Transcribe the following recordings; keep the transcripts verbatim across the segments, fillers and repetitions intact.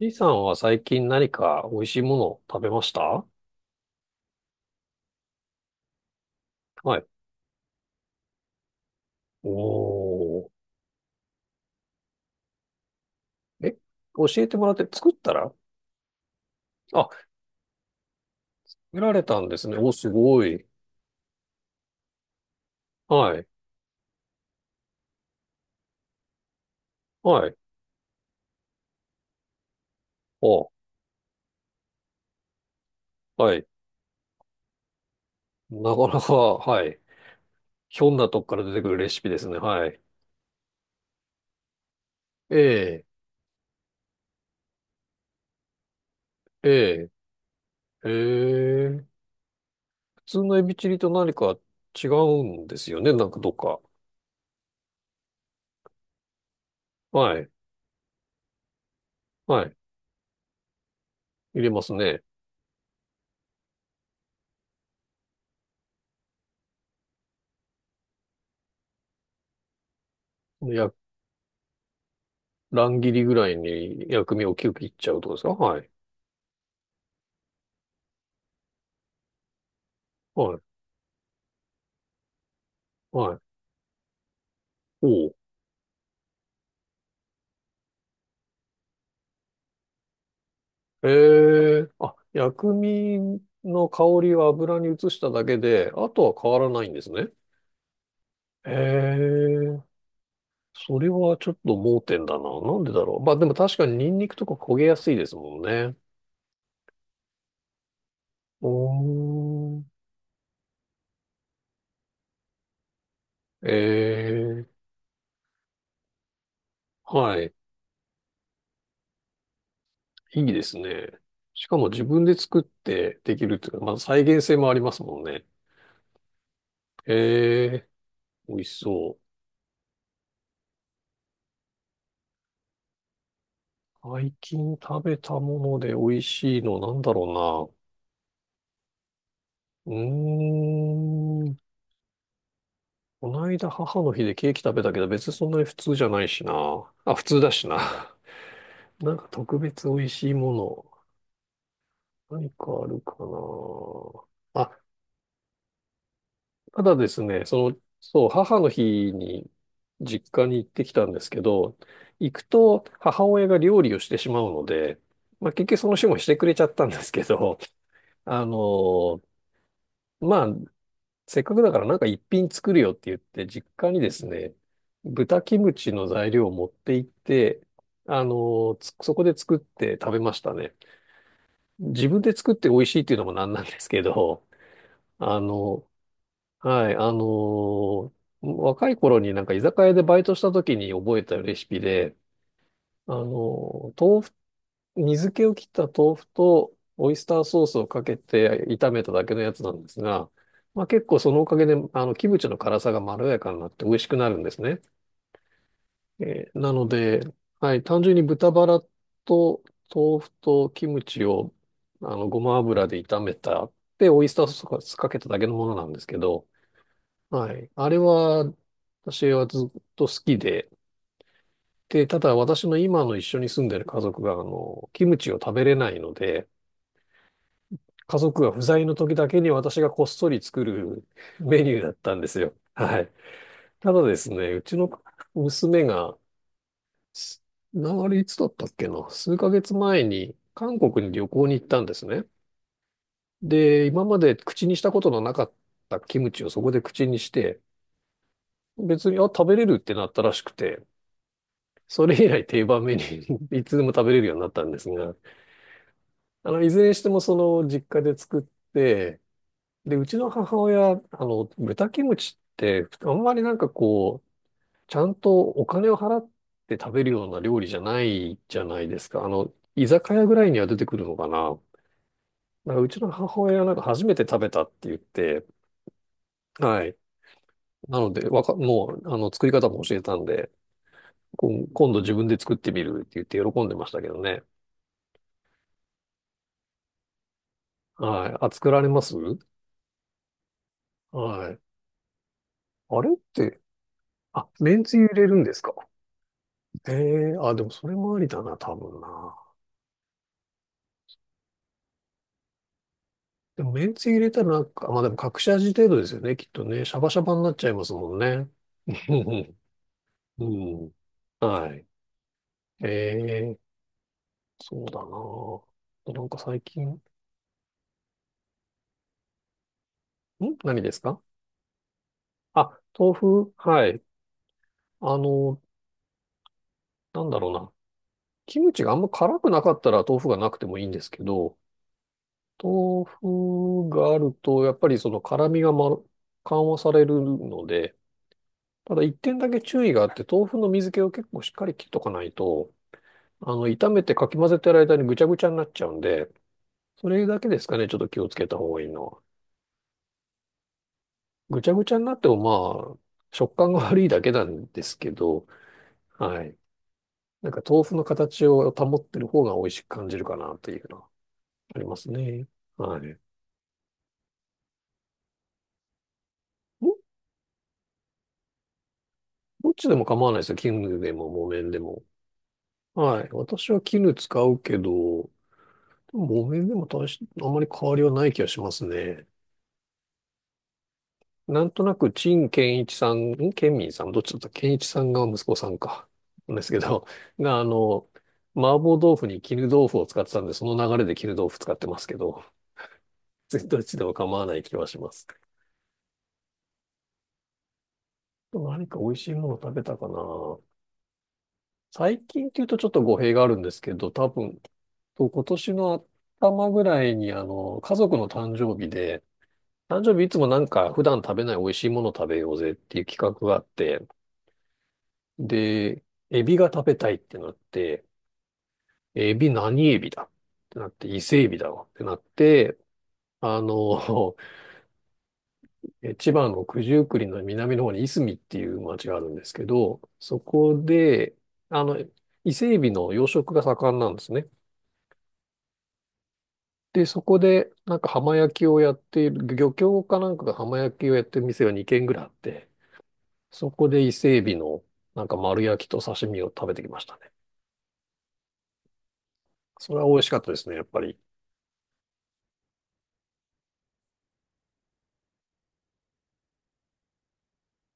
B さんは最近何か美味しいものを食べましたはい。おー。え、教えてもらって作ったら。あ、見られたんですね。お、すごい。はい。はい。お、はい。なかなか、はい。ひょんなとこから出てくるレシピですね。はい。ええ、ええ、ええ。普通のエビチリと何か違うんですよね。なんかどっか。はい。はい。入れますね。や、乱切りぐらいに薬味をキュッ切っちゃうとかですか？はい。はい。はい。おう。ええ。あ、薬味の香りを油に移しただけで、あとは変わらないんですね。ええ。それはちょっと盲点だな。なんでだろう。まあでも確かにニンニクとか焦げやすいですもんね。おー。ええ。はい。いいですね。しかも自分で作ってできるっていうか、まあ再現性もありますもんね。ええ。美味しそう。最近食べたもので美味しいのなんだろうな。うーん。この間母の日でケーキ食べたけど別にそんなに普通じゃないしな。あ、普通だしな。なんか特別美味しいもの。何かあるかな。あ、ただですね、その、そう、母の日に実家に行ってきたんですけど、行くと母親が料理をしてしまうので、まあ結局その日もしてくれちゃったんですけど、あの、まあせっかくだからなんか一品作るよって言って、実家にですね、豚キムチの材料を持って行って、あの、つそこで作って食べましたね。自分で作って美味しいっていうのもなんなんですけど、あの、はい、あの、若い頃になんか居酒屋でバイトした時に覚えたレシピで、あの、豆腐水気を切った豆腐とオイスターソースをかけて炒めただけのやつなんですが、まあ、結構そのおかげで、あの、キムチの辛さがまろやかになって美味しくなるんですね。えーなので、はい、単純に豚バラと豆腐とキムチを、あの、ごま油で炒めた、で、オイスターソースかけただけのものなんですけど、はい、あれは、私はずっと好きで、で、ただ私の今の一緒に住んでる家族が、あの、キムチを食べれないので、家族が不在の時だけに私がこっそり作るメニューだったんですよ。はい。ただですね、うちの娘が、すあれいつだったっけな、数ヶ月前に韓国に旅行に行ったんですね。で、今まで口にしたことのなかったキムチをそこで口にして、別に、あ、食べれるってなったらしくて、それ以来定番メニューに いつでも食べれるようになったんですが、あの、いずれにしてもその実家で作って、で、うちの母親、あの、豚キムチって、あんまりなんかこう、ちゃんとお金を払って食べるような料理じゃないじゃないですか。あの、居酒屋ぐらいには出てくるのかな。だからうちの母親はなんか初めて食べたって言って、はい。なので、わか、もう、あの、作り方も教えたんで、こん今度自分で作ってみるって言って喜んでましたけどね。はい。あ、作られます？はい。あれって、あ、めんつゆ入れるんですか？ええー。あ、でもそれもありだな、多分な。でも、めんつゆ入れたらなんか、まあでも隠し味程度ですよね、きっとね。シャバシャバになっちゃいますもんね。うんうん。うん。はい。ええ、そうだなあ。なんか最近、ん。何ですか？あ、豆腐。はい。あの、なんだろうな。キムチがあんま辛くなかったら豆腐がなくてもいいんですけど、豆腐があると、やっぱりその辛みが、まろ、緩和されるので、ただ一点だけ注意があって、豆腐の水気を結構しっかり切っとかないと、あの、炒めてかき混ぜてる間にぐちゃぐちゃになっちゃうんで、それだけですかね、ちょっと気をつけた方がいいのは。ぐちゃぐちゃになってもまあ、食感が悪いだけなんですけど、はい。なんか豆腐の形を保ってる方が美味しく感じるかなというのはありますね。はい。ど、どっちでも構わないですよ。絹でも木綿でも。はい。私は絹使うけど、木綿でも、大し、あんまり変わりはない気がしますね。なんとなく、陳建一さん、ん建民さん、どっちだった健一さんが息子さんか。なんですけど、が、あの、麻婆豆腐に絹豆腐を使ってたんで、その流れで絹豆腐使ってますけど、全然どっちでも構わない気はします。何か美味しいもの食べたかな。最近っていうとちょっと語弊があるんですけど、多分、と今年の頭ぐらいに、あの、家族の誕生日で、誕生日いつもなんか普段食べない美味しいもの食べようぜっていう企画があって、で、エビが食べたいってなって、エビ何エビだってなって、伊勢エビだわってなって、あの、え千葉の九十九里の南の方にいすみっていう町があるんですけど、そこで、あの、伊勢エビの養殖が盛んなんですね。で、そこで、なんか浜焼きをやっている、漁協かなんかが浜焼きをやってる店がに軒ぐらいあって、そこで伊勢エビの、なんか丸焼きと刺身を食べてきましたね。それは美味しかったですね、やっぱり。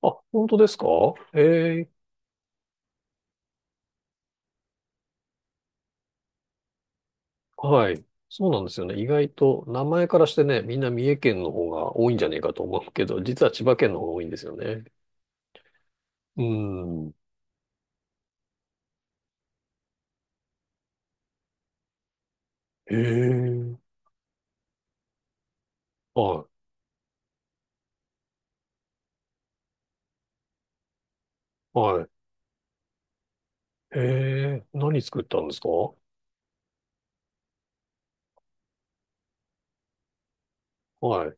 あ、本当ですか？ええ。はい。そうなんですよね。意外と、名前からしてね、みんな三重県の方が多いんじゃねえかと思うけど、実は千葉県の方が多いんですよね。うん。ええ。はい、はい。ええ。何作ったんですか？はい。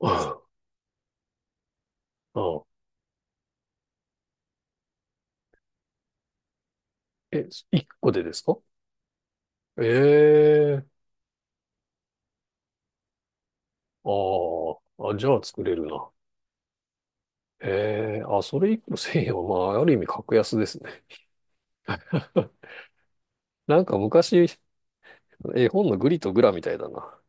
ああ、え、一個でですか？ええ。ああ、あ、じゃあ作れるな。ええ。あ、それ一個せんえんは、まあ、ある意味格安ですね。なんか昔、絵本のグリとグラみたいだな。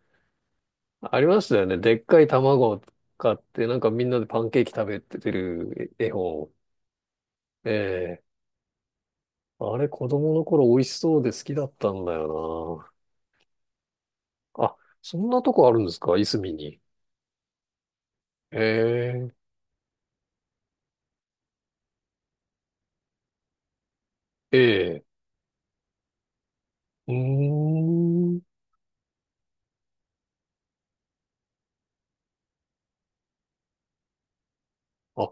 ありましたよね。でっかい卵を買って、なんかみんなでパンケーキ食べてる絵本。ええ。あれ、子供の頃美味しそうで好きだったんだよな。あ、そんなとこあるんですか、いすみに。ええ。ええ。うーん。あ、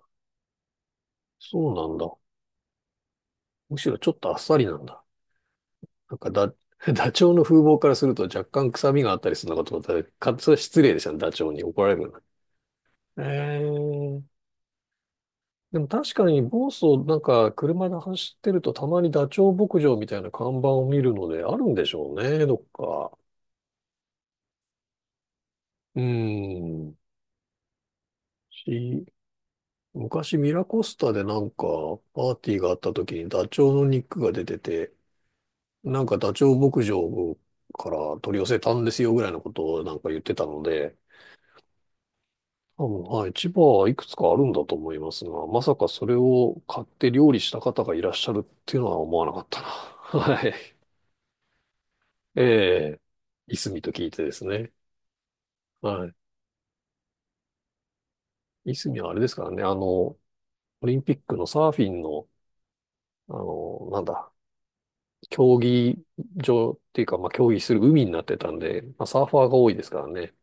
そうなんだ。むしろちょっとあっさりなんだ。なんかだ、ダチョウの風貌からすると若干臭みがあったりするのかと思ったら、か、それは失礼でしたね。ダチョウに怒られるな。ええ。でも確かに、房総なんか車で走ってるとたまにダチョウ牧場みたいな看板を見るのであるんでしょうね、どっか。うーん。し、昔ミラコスタでなんかパーティーがあった時にダチョウの肉が出てて、なんかダチョウ牧場から取り寄せたんですよぐらいのことをなんか言ってたので、多分、はい、千葉はいくつかあるんだと思いますが、まさかそれを買って料理した方がいらっしゃるっていうのは思わなかったな。はい。ええ、いすみと聞いてですね。はい。いすみはあれですからね、あの、オリンピックのサーフィンの、あの、なんだ、競技場っていうか、まあ、競技する海になってたんで、まあ、サーファーが多いですからね。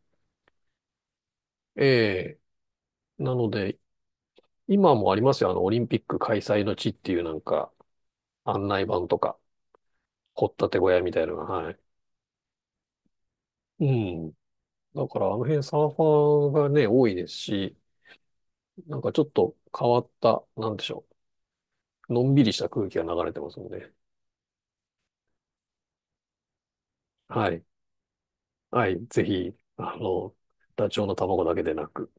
ええ、なので、今もありますよ、あの、オリンピック開催の地っていうなんか、案内板とか、掘ったて小屋みたいなのが、はい。うん。だから、あの辺サーファーがね、多いですし、なんかちょっと変わった、なんでしょう。のんびりした空気が流れてますので。はい。はい、ぜひ、あの、ダチョウの卵だけでなく、